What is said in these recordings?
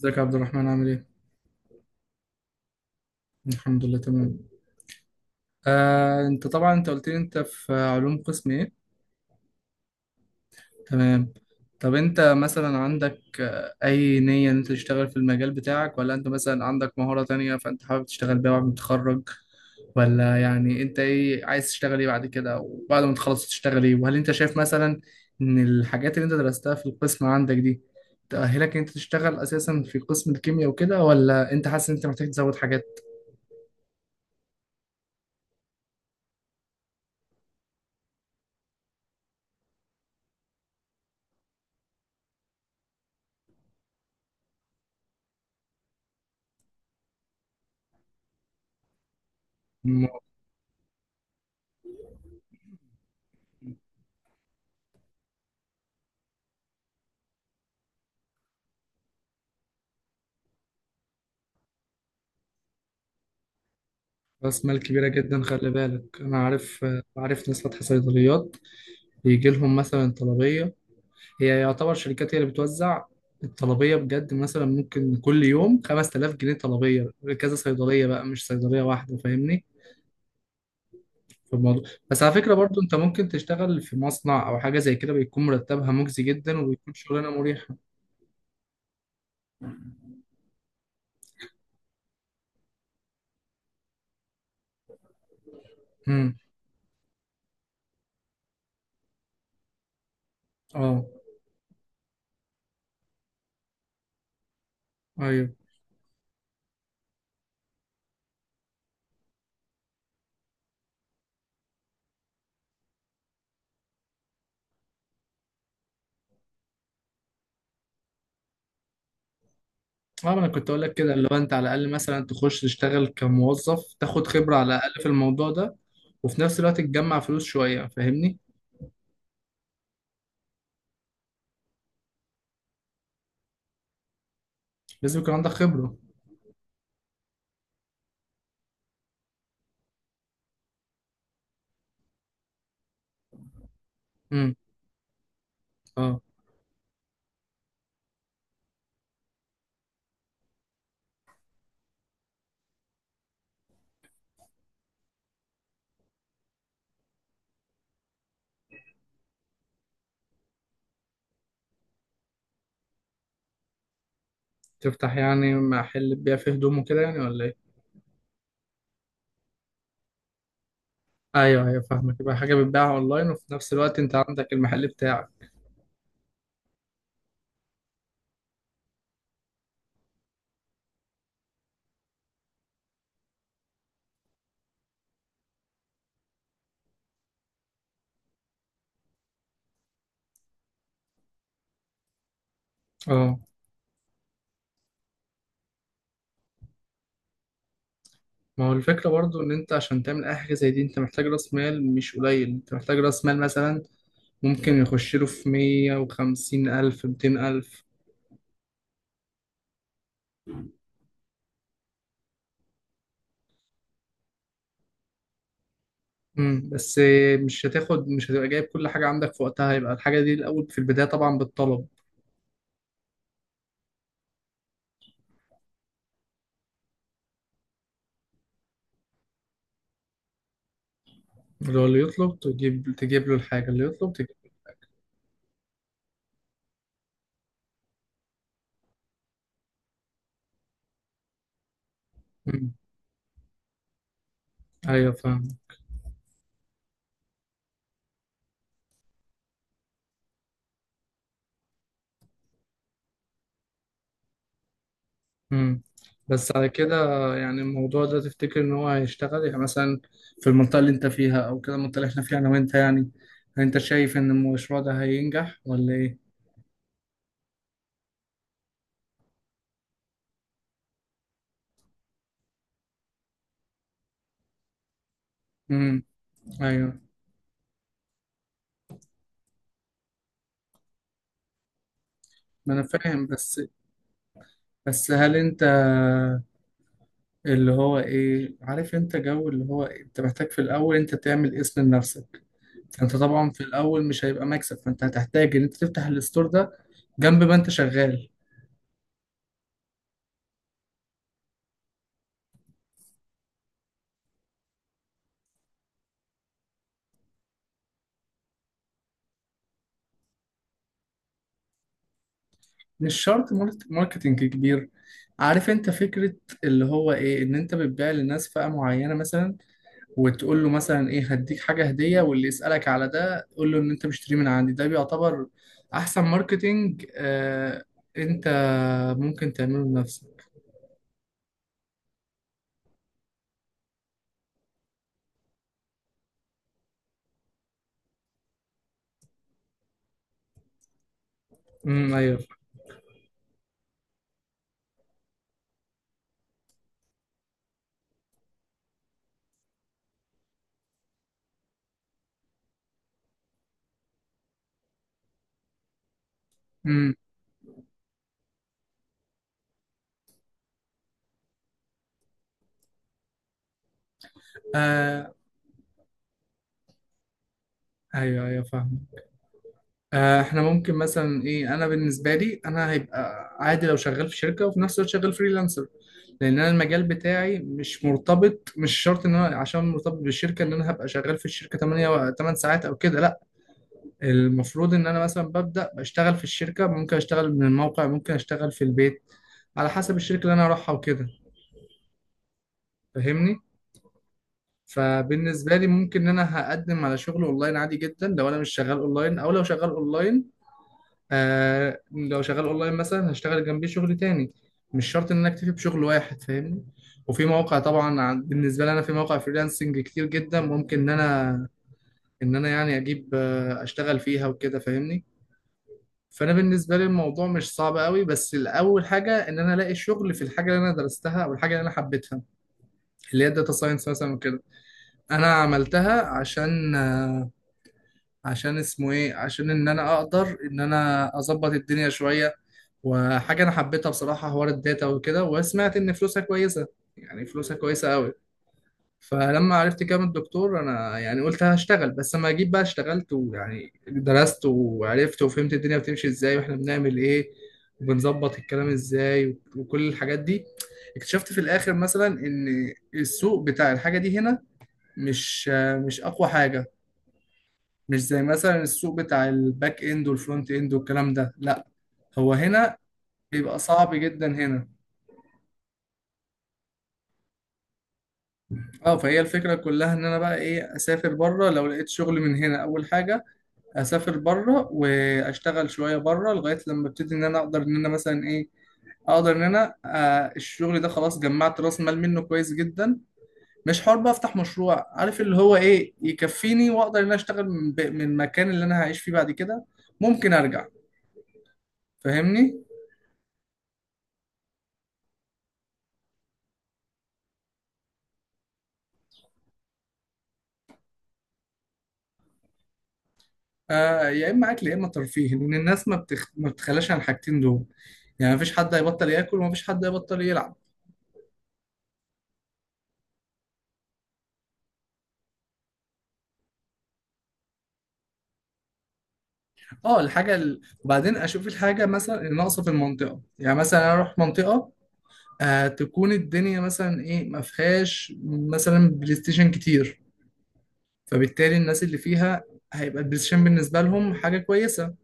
ازيك يا عبد الرحمن، عامل ايه؟ الحمد لله، تمام. انت طبعا قلت لي، انت في علوم قسم ايه؟ تمام. طب انت مثلا عندك اي نية ان انت تشتغل في المجال بتاعك، ولا انت مثلا عندك مهارة تانية فانت حابب تشتغل بيها بعد ما تتخرج؟ ولا يعني انت ايه عايز تشتغل ايه بعد كده؟ وبعد ما تخلص تشتغل ايه؟ وهل انت شايف مثلا ان الحاجات اللي انت درستها في القسم عندك دي تأهلك ان انت تشتغل اساسا في قسم الكيمياء وكده، ولا انت حاسس ان انت محتاج تزود حاجات؟ راس مال كبيرة جدا، خلي بالك. أنا عارف ناس فاتحة صيدليات، بيجي لهم مثلا طلبية. هي يعتبر شركات هي اللي بتوزع الطلبية بجد. مثلا ممكن كل يوم 5000 جنيه طلبية، كذا صيدلية بقى، مش صيدلية واحدة. فاهمني في الموضوع؟ بس على فكرة برضو أنت ممكن تشتغل في مصنع أو حاجة زي كده، بيكون مرتبها مجزي جدا وبيكون شغلانة مريحة. امم. أه. أيوه. اه، انا كنت اقول لك كده، اللي هو انت على الاقل مثلا تخش تشتغل كموظف، تاخد خبره على الاقل في الموضوع ده، وفي نفس الوقت تجمع فلوس شويه، فاهمني. لازم يكون عندك خبره. امم. اه، تفتح يعني محل تبيع فيه هدوم وكده يعني، ولا ايه؟ ايوه، ايوه، فاهمك. يبقى حاجه بتباع اونلاين، وفي نفس الوقت انت عندك المحل بتاعك. اه، ما هو الفكره برضو ان انت عشان تعمل اي حاجه زي دي انت محتاج راس مال مش قليل. انت محتاج راس مال مثلا ممكن يخش له في 150 ألف 200 ألف. امم، بس مش هتبقى جايب كل حاجة عندك في وقتها. هيبقى الحاجة دي الأول في البداية طبعا بالطلب. اللي هو اللي يطلب تجيب له الحاجة اللي يطلب تجيب. امم. أيوه، فاهم. امم. بس على كده يعني الموضوع ده تفتكر إن هو هيشتغل يعني مثلا في المنطقة اللي أنت فيها أو كده، المنطقة اللي إحنا فيها أنا وأنت يعني، أنت شايف إن المشروع ده هينجح ولا إيه؟ امم. أيوه، ما أنا فاهم، بس هل أنت اللي هو إيه، عارف أنت جو اللي هو إيه؟ أنت محتاج في الأول أنت تعمل اسم لنفسك. انت طبعا في الاول مش هيبقى مكسب، فانت هتحتاج ان انت تفتح الستور ده جنب ما انت شغال. مش شرط ماركتينج كبير. عارف انت فكرة اللي هو ايه؟ ان انت بتبيع للناس فئة معينة مثلا، وتقول له مثلا ايه، هديك حاجة هدية. واللي يسألك على ده قول له ان انت مشتري من عندي، ده بيعتبر احسن ماركتينج. انت ممكن تعمله لنفسك. امم. ايوه. امم. آه. ايوه، ايوه، فاهم. احنا ممكن مثلا ايه. انا بالنسبه لي انا هيبقى عادي لو شغال في شركه وفي نفس الوقت شغال فريلانسر، لان انا المجال بتاعي مش مرتبط، مش شرط ان انا عشان مرتبط بالشركه ان انا هبقى شغال في الشركه 8 و 8 ساعات او كده، لا. المفروض ان انا مثلا ببدا بشتغل في الشركه ممكن اشتغل من الموقع، ممكن اشتغل في البيت، على حسب الشركه اللي انا اروحها وكده، فاهمني. فبالنسبه لي ممكن ان انا هقدم على شغل اونلاين عادي جدا، لو انا مش شغال اونلاين او لو شغال اونلاين. لو شغال اونلاين مثلا هشتغل جنبيه شغل تاني، مش شرط ان انا اكتفي بشغل واحد، فاهمني. وفي مواقع طبعا بالنسبه لي انا في مواقع فريلانسنج كتير جدا، ممكن ان انا يعني اجيب، اشتغل فيها وكده، فاهمني. فانا بالنسبه لي الموضوع مش صعب قوي، بس الاول حاجه ان انا الاقي شغل في الحاجه اللي انا درستها او الحاجه اللي انا حبيتها، اللي هي الداتا ساينس مثلا وكده. انا عملتها عشان آه، عشان اسمه ايه عشان ان انا اقدر ان انا اظبط الدنيا شويه، وحاجة أنا حبيتها بصراحة حوار الداتا وكده، وسمعت إن فلوسها كويسة. يعني فلوسها كويسة أوي. فلما عرفت كام الدكتور أنا يعني، قلت هشتغل. بس لما جيت بقى اشتغلت ويعني درست وعرفت وفهمت الدنيا بتمشي إزاي وإحنا بنعمل إيه وبنظبط الكلام إزاي وكل الحاجات دي، اكتشفت في الآخر مثلا إن السوق بتاع الحاجة دي هنا مش مش أقوى حاجة. مش زي مثلا السوق بتاع الباك إند والفرونت إند والكلام ده، لأ. هو هنا بيبقى صعب جدا هنا. اه، فهي الفكرة كلها ان انا بقى ايه، اسافر بره لو لقيت شغل من هنا. اول حاجة اسافر بره واشتغل شوية بره لغاية لما ابتدي ان انا اقدر ان انا مثلا ايه اقدر ان انا آه الشغل ده خلاص جمعت راس مال منه كويس جدا، مش حر بقى افتح مشروع عارف اللي هو ايه، يكفيني. واقدر ان انا اشتغل من من المكان اللي انا هعيش فيه بعد كده، ممكن ارجع، فاهمني. آه، يا اما اكل يا اما ترفيه، لان الناس ما بتخلاش عن الحاجتين دول. يعني مفيش حد هيبطل ياكل ومفيش حد هيبطل يلعب. اه، وبعدين اشوف الحاجه مثلا اللي ناقصه في المنطقه. يعني مثلا انا اروح منطقه تكون الدنيا مثلا ما فيهاش مثلا بلاي ستيشن كتير، فبالتالي الناس اللي فيها هيبقى البلاي ستيشن بالنسبه لهم حاجه كويسه،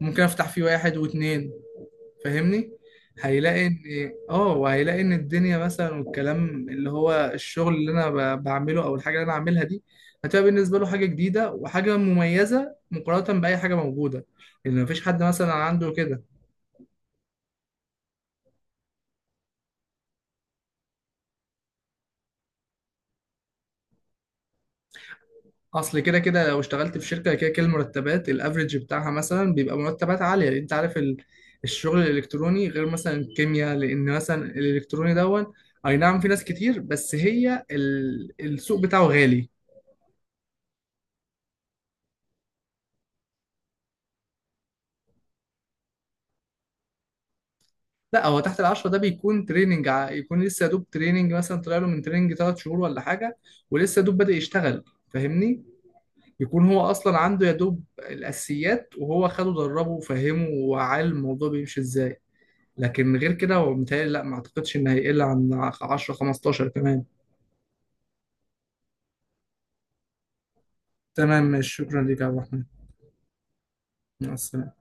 ممكن افتح فيه واحد واتنين، فاهمني. هيلاقي ان، اه وهيلاقي ان الدنيا مثلا، والكلام اللي هو الشغل اللي انا بعمله او الحاجه اللي انا عاملها دي هتبقى بالنسبه له حاجه جديده وحاجه مميزه مقارنه باي حاجه موجوده، لان مفيش حد مثلا عنده كده. اصل كده كده لو اشتغلت في شركه، كده كده المرتبات الافريج بتاعها مثلا بيبقى مرتبات عاليه، لان انت عارف الشغل الالكتروني غير مثلا الكيمياء، لان مثلا الالكتروني دون. اي نعم، في ناس كتير بس هي السوق بتاعه غالي. لا، هو تحت العشرة ده بيكون تريننج. يكون لسه يا دوب تريننج، مثلا طلع له من تريننج 3 شهور ولا حاجه، ولسه يا دوب بادئ يشتغل، فاهمني. يكون هو اصلا عنده يا دوب الاساسيات، وهو خده دربه وفهمه وعلم الموضوع بيمشي ازاي. لكن غير كده هو متهيألي، لا، ما اعتقدش ان هيقل عن 10 15 كمان. تمام، ماشي. شكرا ليك يا عبد الرحمن. مع السلامة.